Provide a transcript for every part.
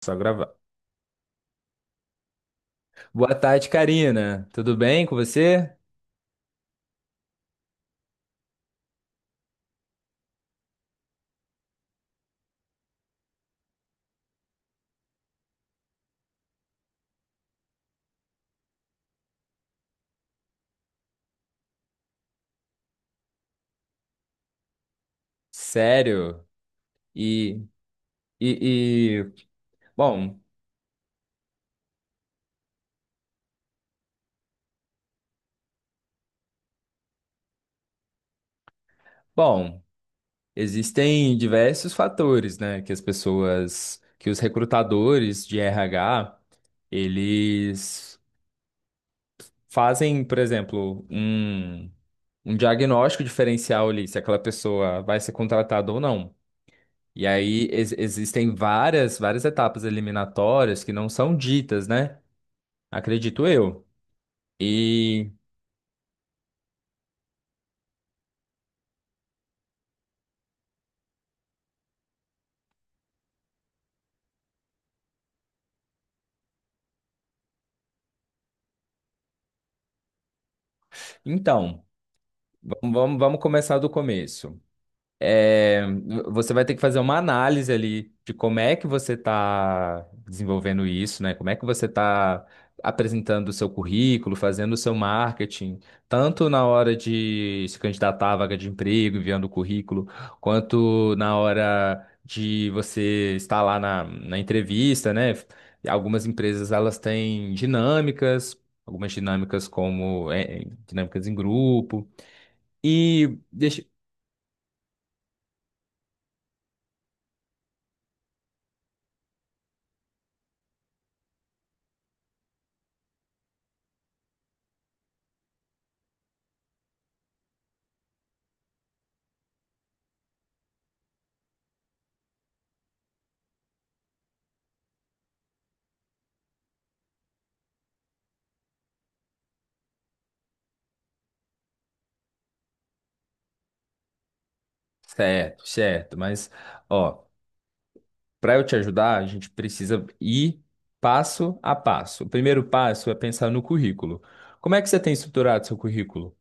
Só gravar. Boa tarde, Karina. Tudo bem com você? Sério? E, e, e- bom, bom, existem diversos fatores, né, que as pessoas, que os recrutadores de RH, eles fazem, por exemplo, um diagnóstico diferencial ali, se aquela pessoa vai ser contratada ou não. E aí existem várias etapas eliminatórias que não são ditas, né? Acredito eu. E Então, vamos começar do começo. É, Você vai ter que fazer uma análise ali de como é que você está desenvolvendo isso, né? Como é que você está apresentando o seu currículo, fazendo o seu marketing, tanto na hora de se candidatar à vaga de emprego, enviando o currículo, quanto na hora de você estar lá na entrevista, né? Algumas empresas elas têm dinâmicas, algumas dinâmicas como é, dinâmicas em grupo. E deixa. Certo, certo. Mas, ó, para eu te ajudar, a gente precisa ir passo a passo. O primeiro passo é pensar no currículo. Como é que você tem estruturado seu currículo?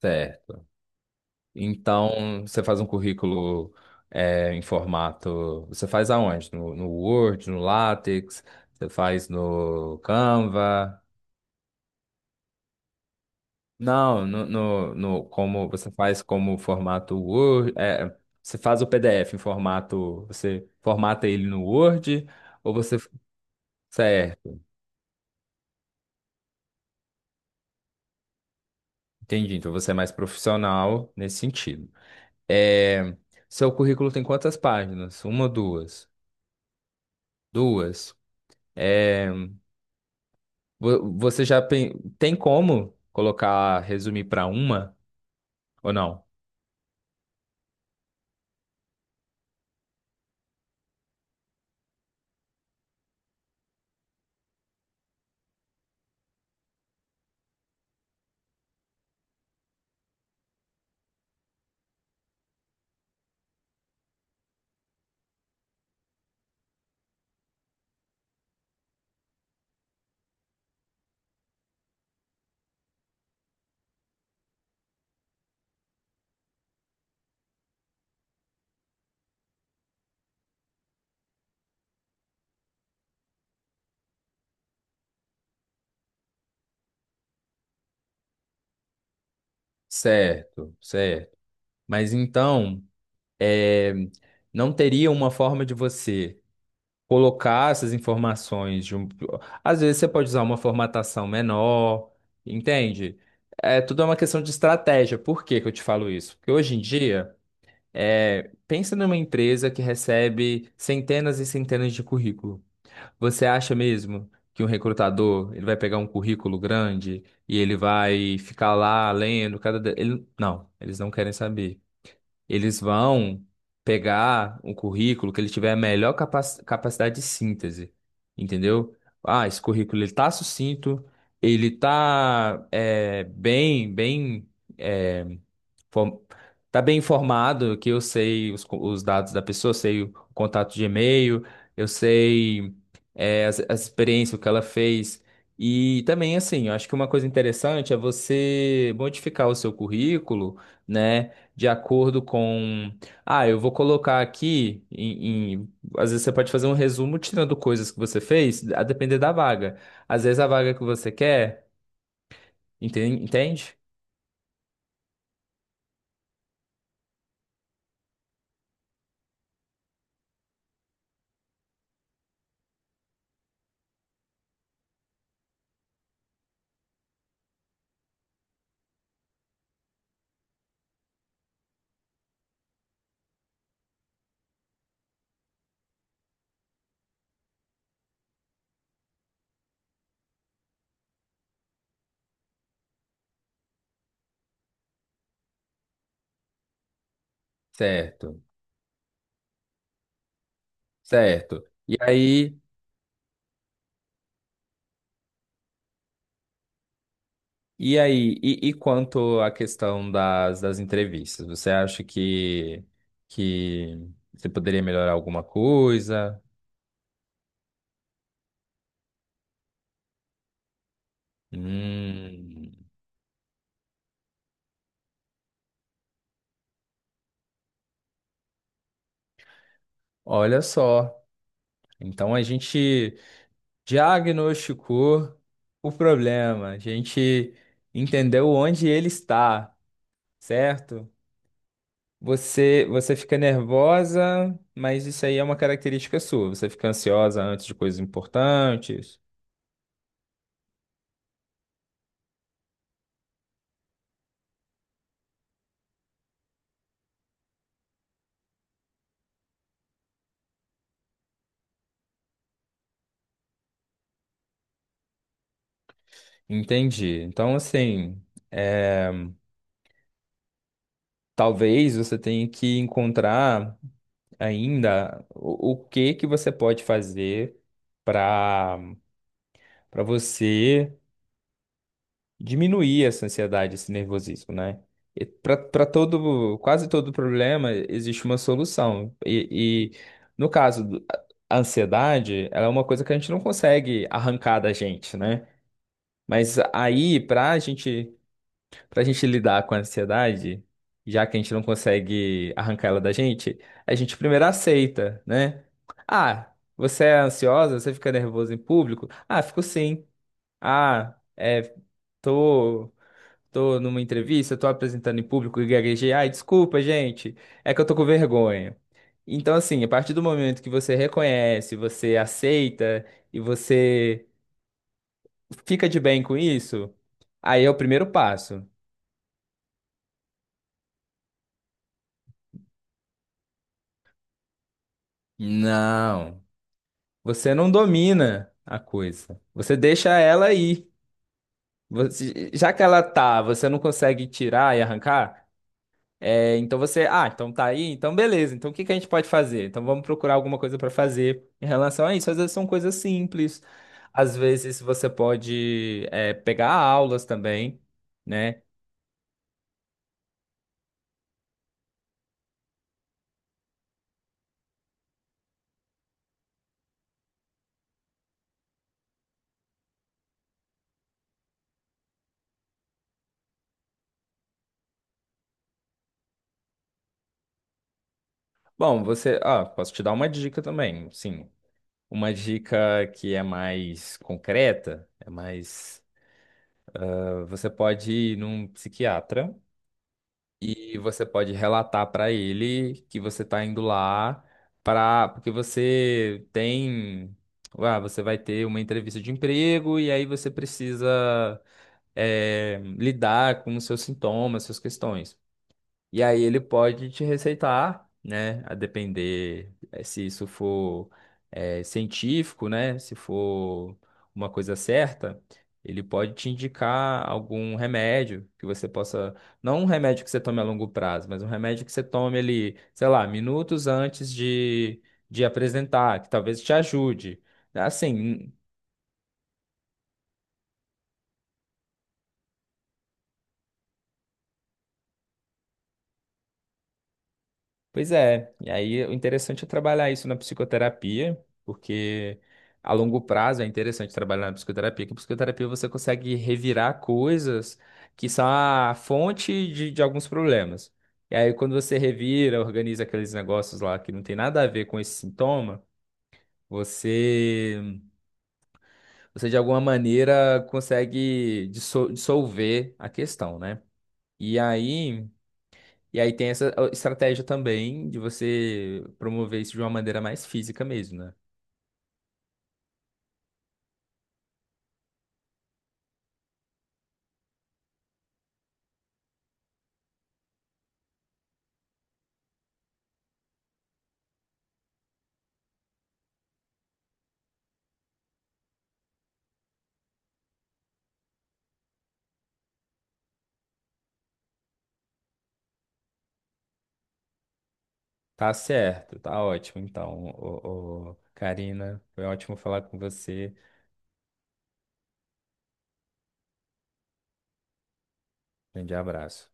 Certo. Então, você faz um currículo é, em formato. Você faz aonde? No Word, no LaTeX? Você faz no Canva? Não, como você faz como formato Word, é, você faz o PDF em formato, você formata ele no Word, ou você, certo, entendi, então você é mais profissional nesse sentido. É, seu currículo tem quantas páginas? Uma, duas? Duas. É, vo- você já pen- tem como colocar, resumir para uma ou não? Certo, certo. Mas então, é, não teria uma forma de você colocar essas informações de um... Às vezes você pode usar uma formatação menor, entende? É tudo é uma questão de estratégia. Por que que eu te falo isso? Porque hoje em dia, é, pensa numa empresa que recebe centenas e centenas de currículo. Você acha mesmo que um recrutador, ele vai pegar um currículo grande e ele vai ficar lá lendo cada... Ele... Não, eles não querem saber. Eles vão pegar o currículo que ele tiver a melhor capacidade de síntese, entendeu? Ah, esse currículo ele tá sucinto, ele tá é, bem, bem eh, Form- Tá bem informado que eu sei os dados da pessoa, eu sei o contato de e-mail, eu sei é, as experiências, o que ela fez. E também, assim, eu acho que uma coisa interessante é você modificar o seu currículo, né, de acordo com. Ah, eu vou colocar aqui. Às vezes você pode fazer um resumo tirando coisas que você fez, a depender da vaga. Às vezes a vaga que você quer, entende? Certo, certo. E aí. E aí, e quanto à questão das entrevistas, você acha que você poderia melhorar alguma coisa? Hum, olha só. Então a gente diagnosticou o problema, a gente entendeu onde ele está, certo? Você fica nervosa, mas isso aí é uma característica sua. Você fica ansiosa antes de coisas importantes. Entendi. Então, assim. é, Talvez você tenha que encontrar ainda o que que você pode fazer para para você diminuir essa ansiedade, esse nervosismo, né? Para todo, quase todo problema existe uma solução. E no caso, a ansiedade, ela é uma coisa que a gente não consegue arrancar da gente, né? Mas aí, para a gente Pra gente lidar com a ansiedade, já que a gente não consegue arrancar ela da gente, a gente primeiro aceita, né? Ah, você é ansiosa? Você fica nervoso em público? Ah, fico sim. Ah, é, tô, tô numa entrevista, tô apresentando em público e gaguejei. Ai, desculpa, gente, é que eu tô com vergonha. Então, assim, a partir do momento que você reconhece, você aceita e você fica de bem com isso, aí é o primeiro passo. Não. Você não domina a coisa. Você deixa ela aí. Já que ela tá, você não consegue tirar e arrancar, é, então você, ah, então tá aí, então beleza. Então o que que a gente pode fazer? Então vamos procurar alguma coisa para fazer em relação a isso. Às vezes são coisas simples. Às vezes você pode, é, pegar aulas também, né? Bom, você, ah, posso te dar uma dica também, sim. Uma dica que é mais concreta, é mais, ah, você pode ir num psiquiatra. E você pode relatar para ele que você está indo lá para porque você tem, ah, você vai ter uma entrevista de emprego e aí você precisa eh, lidar com os seus sintomas, suas questões. E aí ele pode te receitar, né? A depender eh, se isso for eh, científico, né? Se for uma coisa certa, ele pode te indicar algum remédio que você possa. Não um remédio que você tome a longo prazo, mas um remédio que você tome ali, sei lá, minutos antes de apresentar, que talvez te ajude. Assim. Pois é, e aí o interessante é trabalhar isso na psicoterapia, porque a longo prazo é interessante trabalhar na psicoterapia, que a psicoterapia você consegue revirar coisas que são a fonte de alguns problemas. E aí quando você revira, organiza aqueles negócios lá que não tem nada a ver com esse sintoma, você, você de alguma maneira consegue dissolver a questão, né? E aí. E aí tem essa estratégia também de você promover isso de uma maneira mais física mesmo, né? Tá certo, tá ótimo. Então, ô, Karina, foi ótimo falar com você. Grande abraço.